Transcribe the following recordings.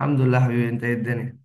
الحمد لله حبيبي، انت ايه الدنيا؟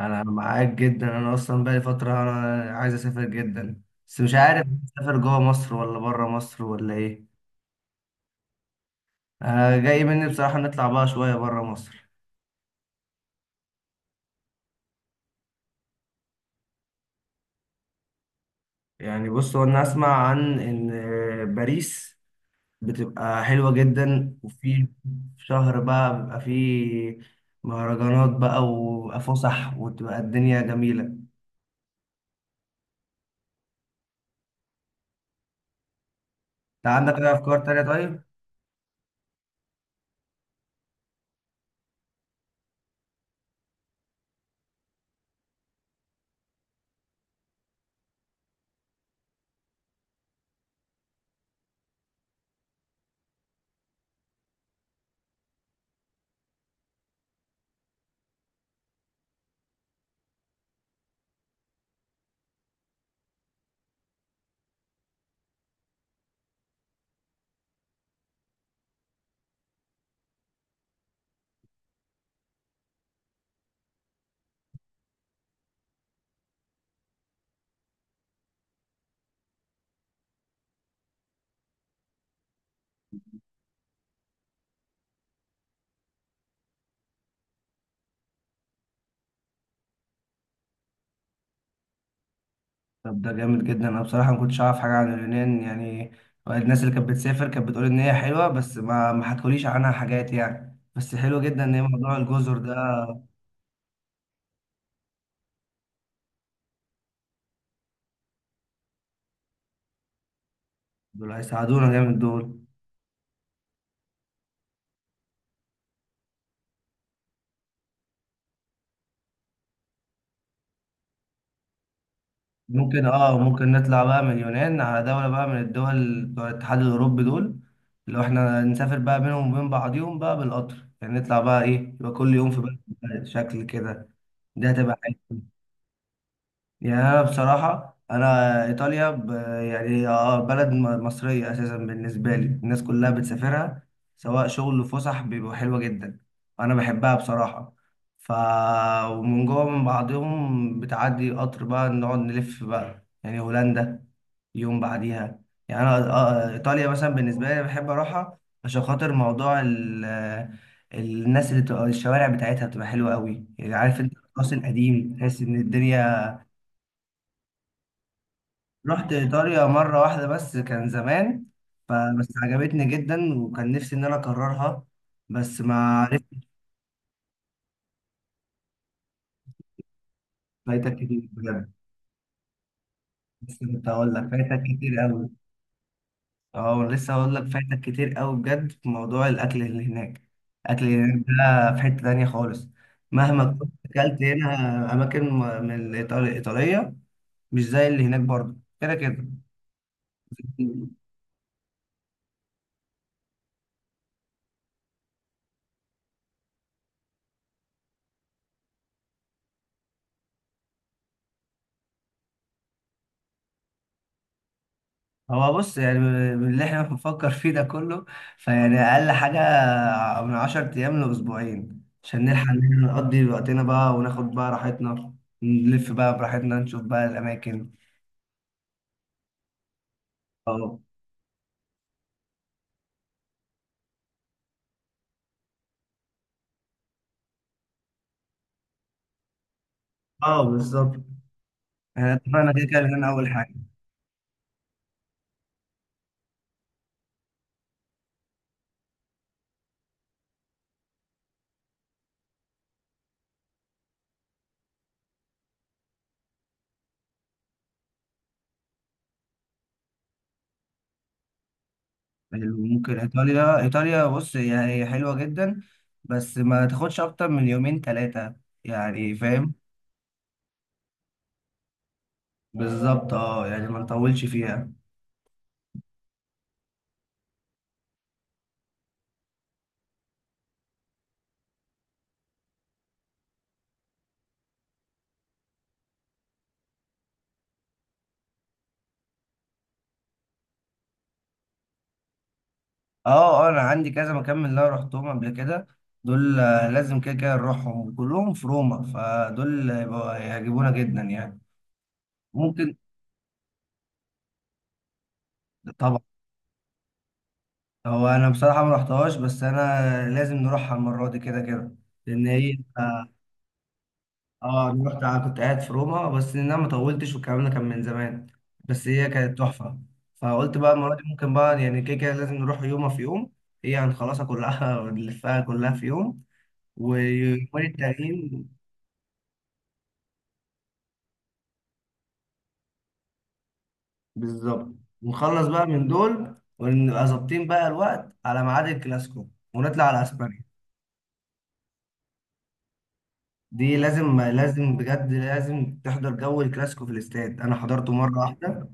انا معاك جدا، انا اصلا بقالي فتره انا عايز اسافر جدا، بس مش عارف اسافر جوه مصر ولا بره مصر ولا ايه. انا جاي مني بصراحه نطلع بقى شويه بره مصر. يعني بص، هو انا اسمع عن ان باريس بتبقى حلوه جدا، وفي شهر بقى بيبقى فيه مهرجانات بقى وفسح وتبقى الدنيا جميله. انت عندك اي افكار تانية؟ طيب. طب ده جامد جدا، انا بصراحه ما كنتش اعرف حاجه عن اليونان يعني. الناس اللي كانت بتسافر كانت بتقول ان هي حلوه بس ما حكوليش عنها حاجات يعني، بس حلو جدا ان هي موضوع الجزر ده. دول هيساعدونا جامد دول. ممكن نطلع بقى من اليونان على دولة بقى من الدول بتوع الاتحاد الأوروبي دول. لو احنا نسافر بقى بينهم وبين بعضيهم بقى بالقطر يعني، نطلع بقى ايه، يبقى كل يوم في بلد شكل كده. ده هتبقى حلو. يا بصراحة أنا إيطاليا يعني آه بلد مصرية أساسا بالنسبة لي، الناس كلها بتسافرها سواء شغل وفسح، بيبقوا حلوة جدا. أنا بحبها بصراحة. ف ومن جوه من بعضهم بتعدي قطر بقى نقعد نلف بقى يعني هولندا يوم بعديها. يعني أنا آه إيطاليا مثلا بالنسبة لي بحب أروحها عشان خاطر موضوع الناس اللي بتبقى الشوارع بتاعتها بتبقى حلوة قوي، يعني عارف أنت الراس القديم تحس إن الدنيا. رحت إيطاليا مرة واحدة بس كان زمان، فبس عجبتني جدا وكان نفسي إن أنا أكررها، بس ما عرفت. فايتك كتير بجد. لسه كنت هقول لك فايتك كتير أوي. أه لسه هقول لك فايتك كتير أوي بجد في موضوع الأكل اللي هناك. الأكل اللي هناك ده في حتة تانية خالص، مهما كنت أكلت هنا أماكن من الإيطالية، مش زي اللي هناك برضه كده كده. هو بص يعني من اللي احنا بنفكر فيه ده كله، فيعني اقل حاجه من 10 ايام لاسبوعين، عشان نلحق ان احنا نقضي وقتنا بقى وناخد بقى راحتنا، نلف بقى براحتنا نشوف بقى الاماكن. اه، اه، بالظبط، احنا اتفقنا كده كده هنا اول حاجه. ممكن ايطاليا بص، هي حلوه جدا، بس ما تاخدش اكتر من يومين ثلاثه، يعني فاهم. بالظبط اه يعني ما نطولش فيها. اه اه انا عندي كذا مكان من اللي انا رحتهم قبل كده، دول لازم كده كده نروحهم كلهم في روما، فدول هيعجبونا جدا يعني. ممكن. طبعا. هو انا بصراحة ما رحتهاش بس انا لازم نروحها المرة دي كده كده، لان هي انا رحت، أنا كنت قاعد في روما بس ان انا ما طولتش والكلام ده كان من زمان، بس هي كانت تحفة. فقلت بقى المرة دي ممكن بقى يعني كده كده لازم نروح يومها في يوم، هي هنخلصها كلها ونلفها كلها في يوم ويومين التانيين. بالظبط، ونخلص بقى من دول ونبقى ظابطين بقى الوقت على ميعاد الكلاسيكو، ونطلع على اسبانيا. دي لازم لازم بجد لازم تحضر جو الكلاسيكو في الاستاد، انا حضرته مره واحده،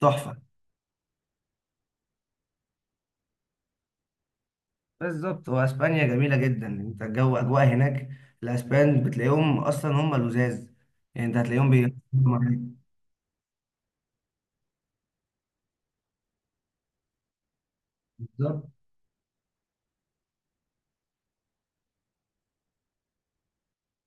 تحفه. بالظبط، واسبانيا جميله جدا، انت الجو اجواء هناك، الاسبان بتلاقيهم اصلا هم لزاز، يعني انت هتلاقيهم بي. بالظبط.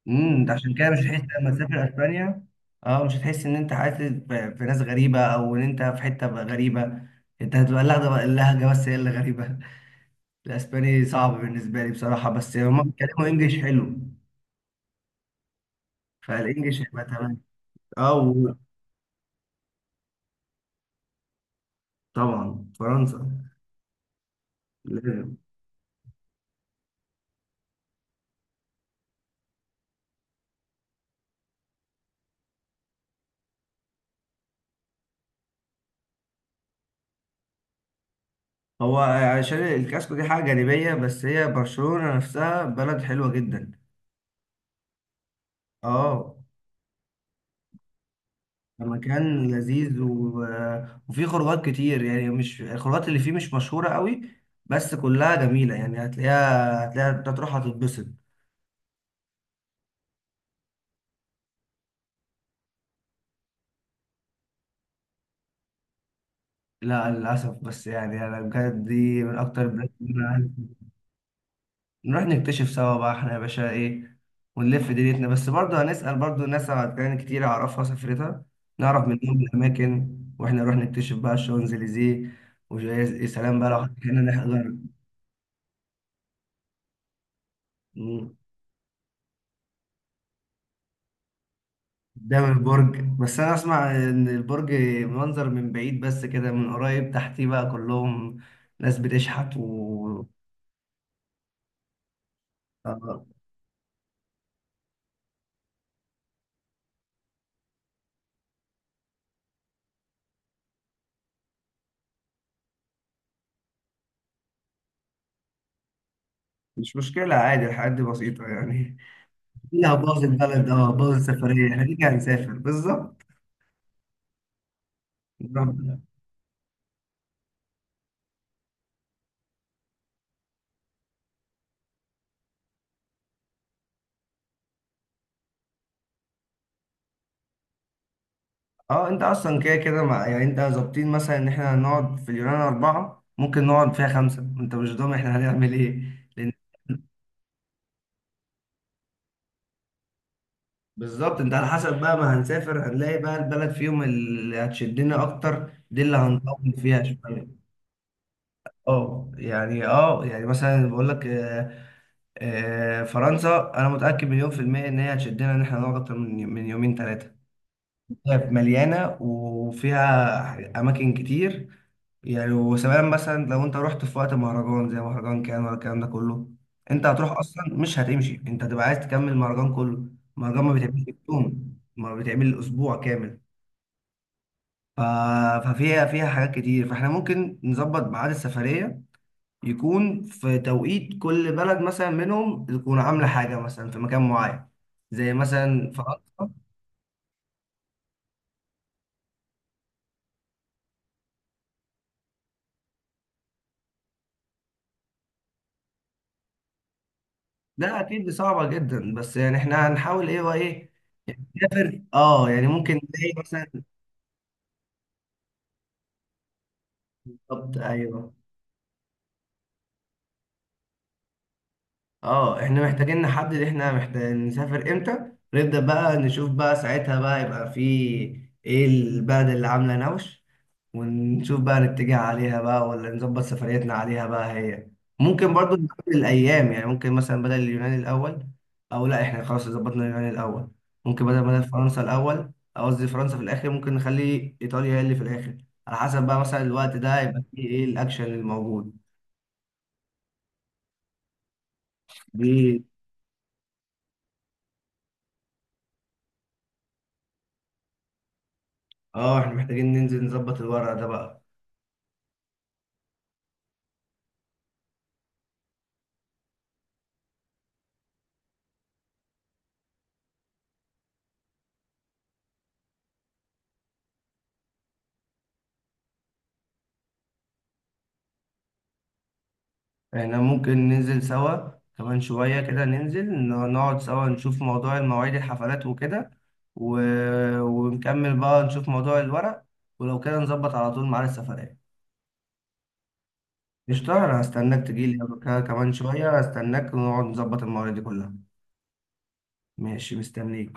امم، انت عشان كده مش هتحس لما تسافر اسبانيا، اه مش هتحس ان انت عايش في في ناس غريبه او ان انت في حته بقى غريبه، انت هتبقى لا ده بقى اللهجه بس هي اللي غريبه الاسباني صعب بالنسبه لي بصراحه، بس هما بيتكلموا انجليش حلو، فالانجليش هيبقى تمام. اه طبعا فرنسا. لازم. هو عشان الكاسكو دي حاجه جانبيه، بس هي برشلونه نفسها بلد حلوه جدا. اه. مكان لذيذ وفيه خروجات كتير، يعني مش الخروجات اللي فيه مش مشهورة قوي بس كلها جميلة يعني، هتلاقيها هتلاقيها انت تروح هتتبسط. لا للأسف، بس يعني أنا بجد دي من أكتر البلاد اللي أنا نروح نكتشف سوا بقى إحنا يا باشا إيه، ونلف دنيتنا، بس برضه هنسأل برضه ناس على كان كتير أعرفها سافرتها، نعرف منهم الأماكن وإحنا نروح نكتشف بقى الشانزليزيه. ويا سلام بقى لو هنا نحضر قدام البرج، بس انا اسمع ان البرج منظر من بعيد بس كده، من قريب تحتيه بقى كلهم ناس بتشحت و آه، مش مشكلة عادي الحاجات دي بسيطة يعني. لا باظ البلد اه باظ السفرية احنا كده كده هنسافر بالظبط. بالظبط. اه انت اصلا كده كده مع يعني انت ظابطين مثلا ان احنا هنقعد في اليونان اربعة، ممكن نقعد فيها خمسة، انت مش ضامن احنا هنعمل ايه، لان بالظبط، انت على حسب بقى ما هنسافر هنلاقي بقى البلد فيهم اللي هتشدنا اكتر دي اللي هنطول فيها شويه. اه يعني اه يعني مثلا بقول لك فرنسا انا متاكد مليون في الميه ان هي هتشدنا ان احنا نقعد اكتر من يومين ثلاثه، هي مليانه وفيها اماكن كتير. يعني وسواء مثلا لو انت رحت في وقت مهرجان زي مهرجان كان ولا الكلام ده كله، انت هتروح اصلا مش هتمشي، انت هتبقى عايز تكمل المهرجان كله. المهرجان ما بيتعملش في يوم، ما بيتعمل اسبوع كامل. ف- ففيها فيها حاجات كتير، فاحنا ممكن نظبط ميعاد السفرية يكون في توقيت كل بلد مثلا منهم تكون عاملة حاجة مثلا في مكان معين، زي مثلا فرنسا. ده أكيد صعبة جدا، بس يعني احنا هنحاول ايه وايه، نسافر اه يعني ممكن زي مثلا. بالظبط ايوه. اه احنا محتاجين نحدد، احنا محتاجين نسافر امتى، نبدأ بقى نشوف بقى ساعتها بقى يبقى في ايه البلد اللي عاملة نوش، ونشوف بقى نتجه عليها بقى ولا نظبط سفريتنا عليها بقى هي. ممكن برضو نقابل الايام، يعني ممكن مثلا بدل اليونان الاول، او لا احنا خلاص ظبطنا اليونان الاول، ممكن بدل فرنسا الاول، او قصدي فرنسا في الاخر، ممكن نخلي ايطاليا هي اللي في الاخر، على حسب بقى مثلا الوقت ده يبقى فيه ايه الاكشن الموجود دي. اه احنا محتاجين ننزل نظبط الورق ده بقى. احنا ممكن ننزل سوا كمان شوية كده، ننزل نقعد سوا نشوف موضوع المواعيد الحفلات وكده و... ونكمل بقى نشوف موضوع الورق، ولو كده نظبط على طول ميعاد السفرية. قشطة، أنا هستناك تجيلي كمان شوية، هستناك ونقعد نظبط المواعيد دي كلها. ماشي مستنيك.